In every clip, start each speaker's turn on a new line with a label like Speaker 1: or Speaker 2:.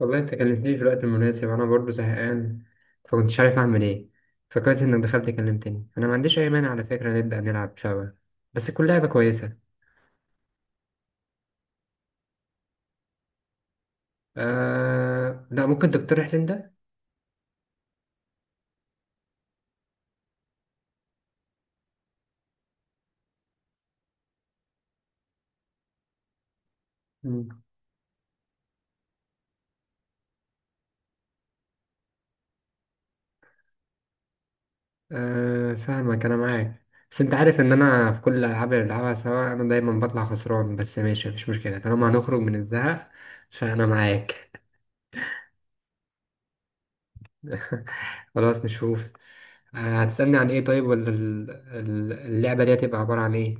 Speaker 1: والله، انت كلمتني في الوقت المناسب. انا برضو زهقان. فكنتش عارف اعمل ايه. فكويس انك دخلت كلمتني. انا ما عنديش اي مانع، على فكرة نبدأ نلعب سوا، بس تكون لعبة كويسة. لا، ممكن تقترح لي انت. مم. فاهمك، انا معاك. بس انت عارف ان انا في كل الالعاب اللي بلعبها سوا انا دايما بطلع خسران. بس ماشي، مفيش مشكلة طالما هنخرج من الزهق. فانا معاك. خلاص، نشوف. هتسألني عن ايه طيب؟ ولا اللعبة دي هتبقى عبارة عن ايه؟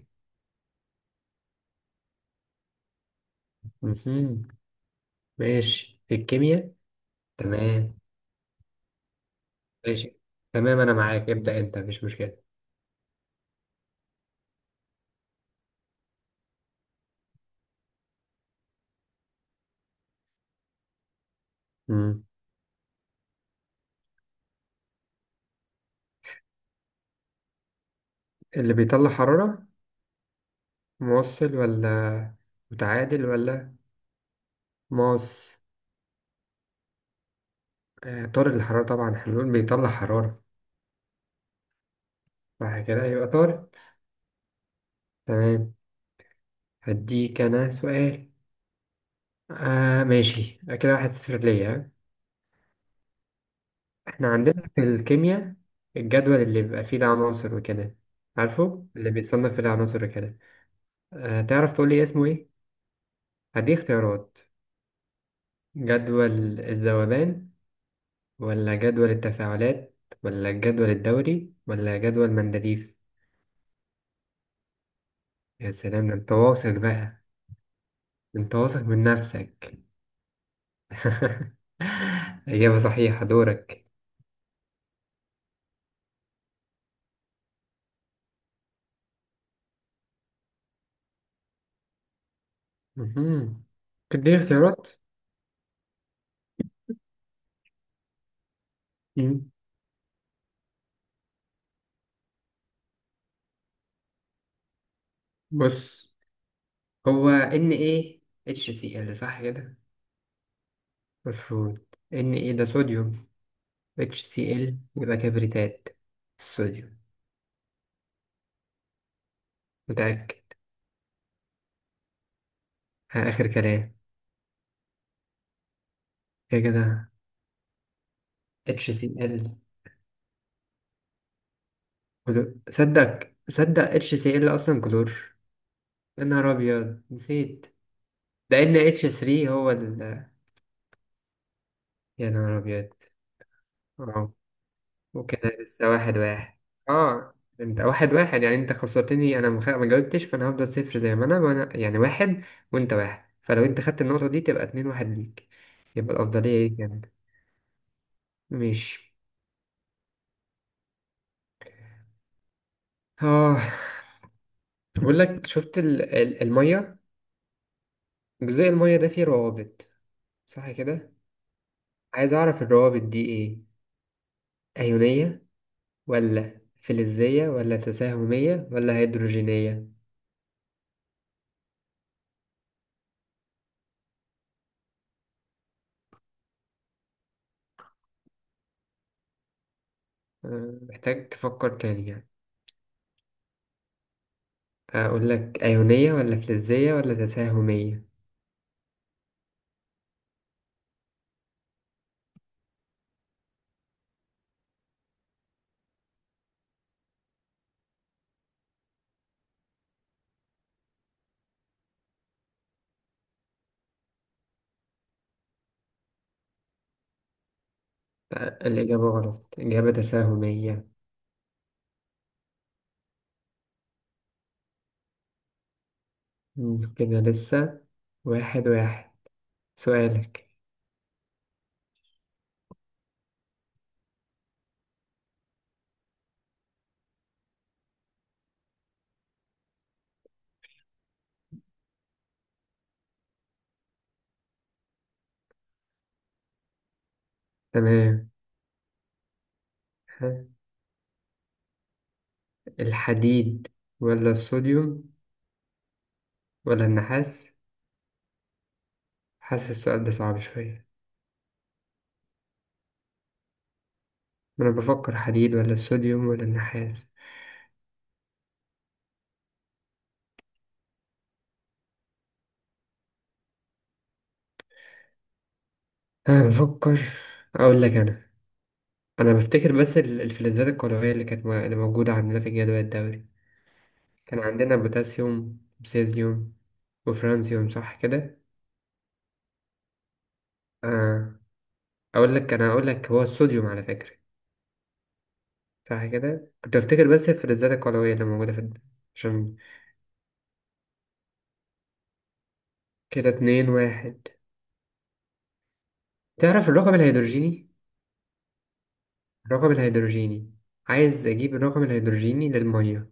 Speaker 1: مهم. ماشي، في الكيمياء. تمام. ماشي. تمام، أنا معاك، ابدأ أنت، مفيش مشكلة. مم. اللي بيطلع حرارة؟ موصل، ولا متعادل، ولا ماس؟ آه، طارد الحرارة طبعا. احنا بنقول بيطلع حرارة. صح كده، يبقى طارد. تمام. هديك أنا سؤال. آه ماشي، كده 1-0 ليا، ها؟ احنا عندنا في الكيمياء الجدول اللي بيبقى فيه العناصر وكده، عارفه؟ اللي بيصنف فيه العناصر وكده. آه، تعرف تقول لي اسمه ايه؟ هدي اختيارات. جدول الذوبان، ولا جدول التفاعلات، ولا الجدول الدوري، ولا جدول مندليف؟ يا سلام، ده انت واثق بقى. انت واثق من نفسك؟ إجابة صحيحة، دورك. مهم. تديني اختيارات. مم. بص، هو ان ايه اتش سي ال، صح كده؟ المفروض ان ايه ده صوديوم. اتش سي ال، يبقى كبريتات الصوديوم. متأكد. ها، آخر كلام. كده كده. اتش سي ال. كلور، صدق صدق، اتش سي ال اصلا كلور. يا نهار ابيض، نسيت. ده ان اتش 3 هو ال. يا نهار ابيض. اه، وكده لسه واحد واحد. اه، انت واحد واحد يعني. انت خسرتني، انا ما جاوبتش. فانا هفضل صفر زي ما انا، وانا يعني واحد، وانت واحد. فلو انت خدت النقطة دي تبقى 2-1 ليك. يبقى الافضلية ليك يعني. ماشي. اه. بقول لك، شفت المية، جزء المية ده فيه روابط، صح كده؟ عايز اعرف الروابط دي ايه. أيونية، ولا فلزية، ولا تساهمية، ولا هيدروجينية؟ أه، محتاج تفكر تاني يعني. أقول لك أيونية، ولا فلزية، ولا تساهمية؟ أه، الإجابة غلط. الإجابة تساهمية. كده لسه واحد واحد. سؤالك. تمام. ها، الحديد، ولا الصوديوم، ولا النحاس؟ حاسس السؤال ده صعب شوية. أنا بفكر حديد، ولا الصوديوم، ولا النحاس؟ أنا بفكر. أقول لك أنا. انا بفتكر، بس الفلزات القولوية اللي كانت اللي موجودة عندنا في الجدول الدوري، كان عندنا بوتاسيوم وسيزيوم وفرانسيوم، صح كده؟ آه، اقول لك انا، اقول لك هو الصوديوم على فكرة. صح كده، كنت بفتكر بس الفلزات القولوية اللي موجودة في الد-. عشان كده اتنين واحد. تعرف الرقم الهيدروجيني؟ الرقم الهيدروجيني. عايز اجيب الرقم الهيدروجيني للمية.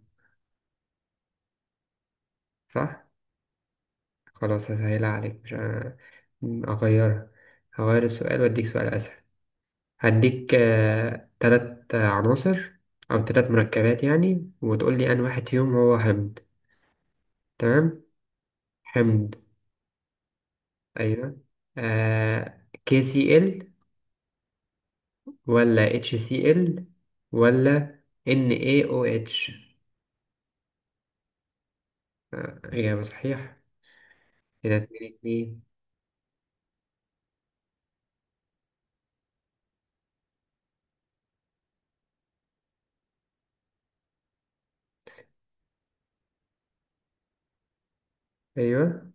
Speaker 1: صح. خلاص، هسهلها عليك، مش اغيرها. هغير السؤال واديك سؤال اسهل. هديك تلات عناصر، أو تلات مركبات يعني، وتقول لي أن واحد فيهم هو حمض. تمام. حمض. أيوة، آه KCl، ولا HCl، ولا NaOH؟ آه، إجابة صحيح. كده 2-2. أيوة،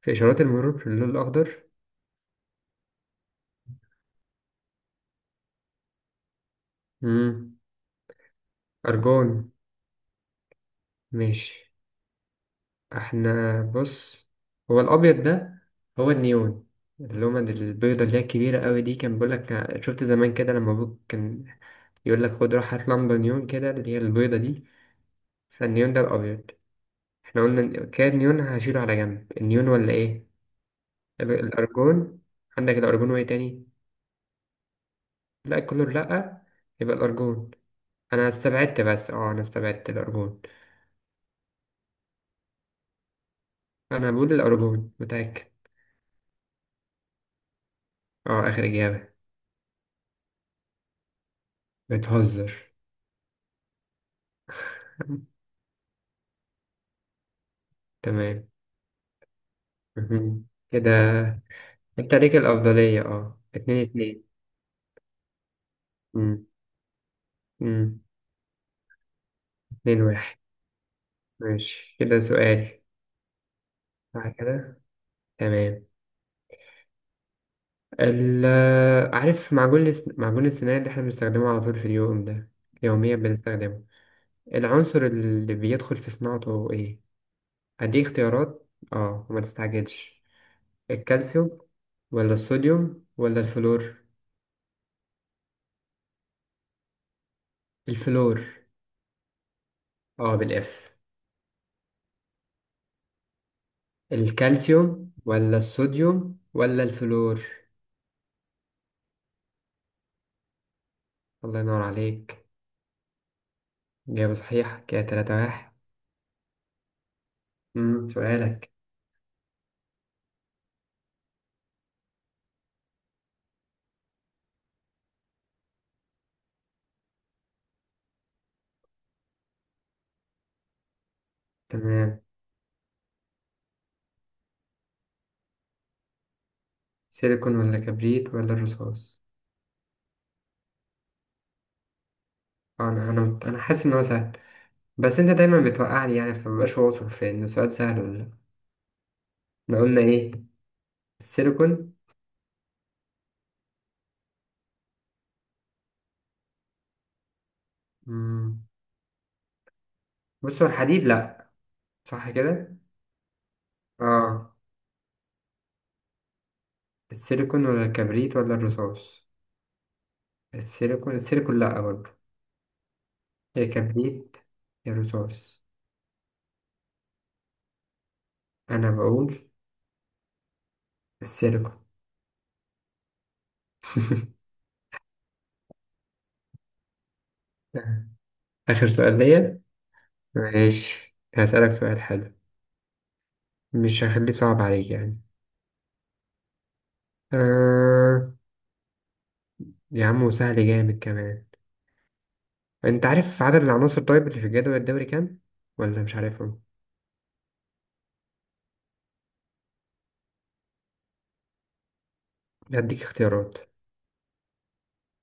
Speaker 1: في إشارات المرور في اللون الأخضر؟ مم. أرجون. ماشي. احنا بص، هو الابيض ده هو النيون. اللومة البيضة اللي هي الكبيرة قوي دي كان بيقولك، شفت زمان كده لما ابوك كان يقولك خد روح هات لمبة نيون كده اللي هي البيضة دي. فالنيون ده الابيض. احنا قلنا كده، النيون هشيله على جنب، النيون ولا ايه؟ يبقى الارجون. عندك الارجون، وايه تاني؟ لا، الكلور لا. يبقى الارجون. انا استبعدت، بس اه، انا استبعدت الارجون. انا بقول الارجون، متأكد. اه، اخر اجابة. بتهزر؟ تمام. مهم. كده انت ليك الأفضلية، اه، 2-2. مم. مم. 2-1. ماشي، كده سؤال. صح كده. تمام. ال عارف معجون السنان اللي احنا بنستخدمه على طول في اليوم ده، يوميا بنستخدمه. العنصر اللي بيدخل في صناعته ايه؟ هدي اختيارات، اه، وما تستعجلش. الكالسيوم، ولا الصوديوم، ولا الفلور؟ الفلور. اه، بالاف. الكالسيوم، ولا الصوديوم، ولا الفلور؟ الله ينور عليك. إجابة صحيحة، كده 3-1. سؤالك. تمام. سيليكون، ولا كبريت، ولا الرصاص؟ آه، أنا حاسس إن هو سهل. بس أنت دايما بتوقعني يعني، فمبقاش واثق في إن السؤال سهل ولا لأ. إحنا قلنا إيه؟ السيليكون. أمم، بص، هو الحديد لأ، صح كده؟ آه، السيليكون، ولا الكبريت، ولا الرصاص؟ السيليكون، السيليكون لأ برضه. يا كبريت، يا رصاص. أنا بقول السيليكون. آخر سؤال ليا. ماشي، هسألك سؤال حلو. مش هخليه صعب عليك يعني. آه، يا عم، وسهل جامد كمان. انت عارف عدد العناصر طيب اللي في الجدول الدوري كام؟ ولا مش عارفهم؟ هديك اختيارات.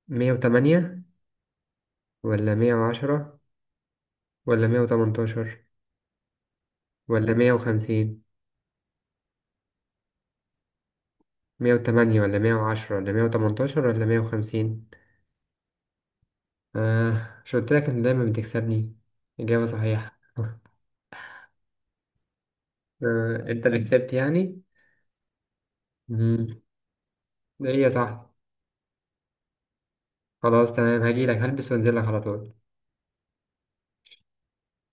Speaker 1: 108، ولا 110، ولا 118، ولا 150؟ 108، ولا مية وعشرة، ولا مية وتمنتاشر، ولا مية وخمسين؟ آه، مش قلت لك انت دايما بتكسبني؟ إجابة صحيحة. آه، انت اللي كسبت يعني. مم. ده ايه يا صاحبي؟ خلاص تمام، هجيلك هلبس وانزل لك على طول.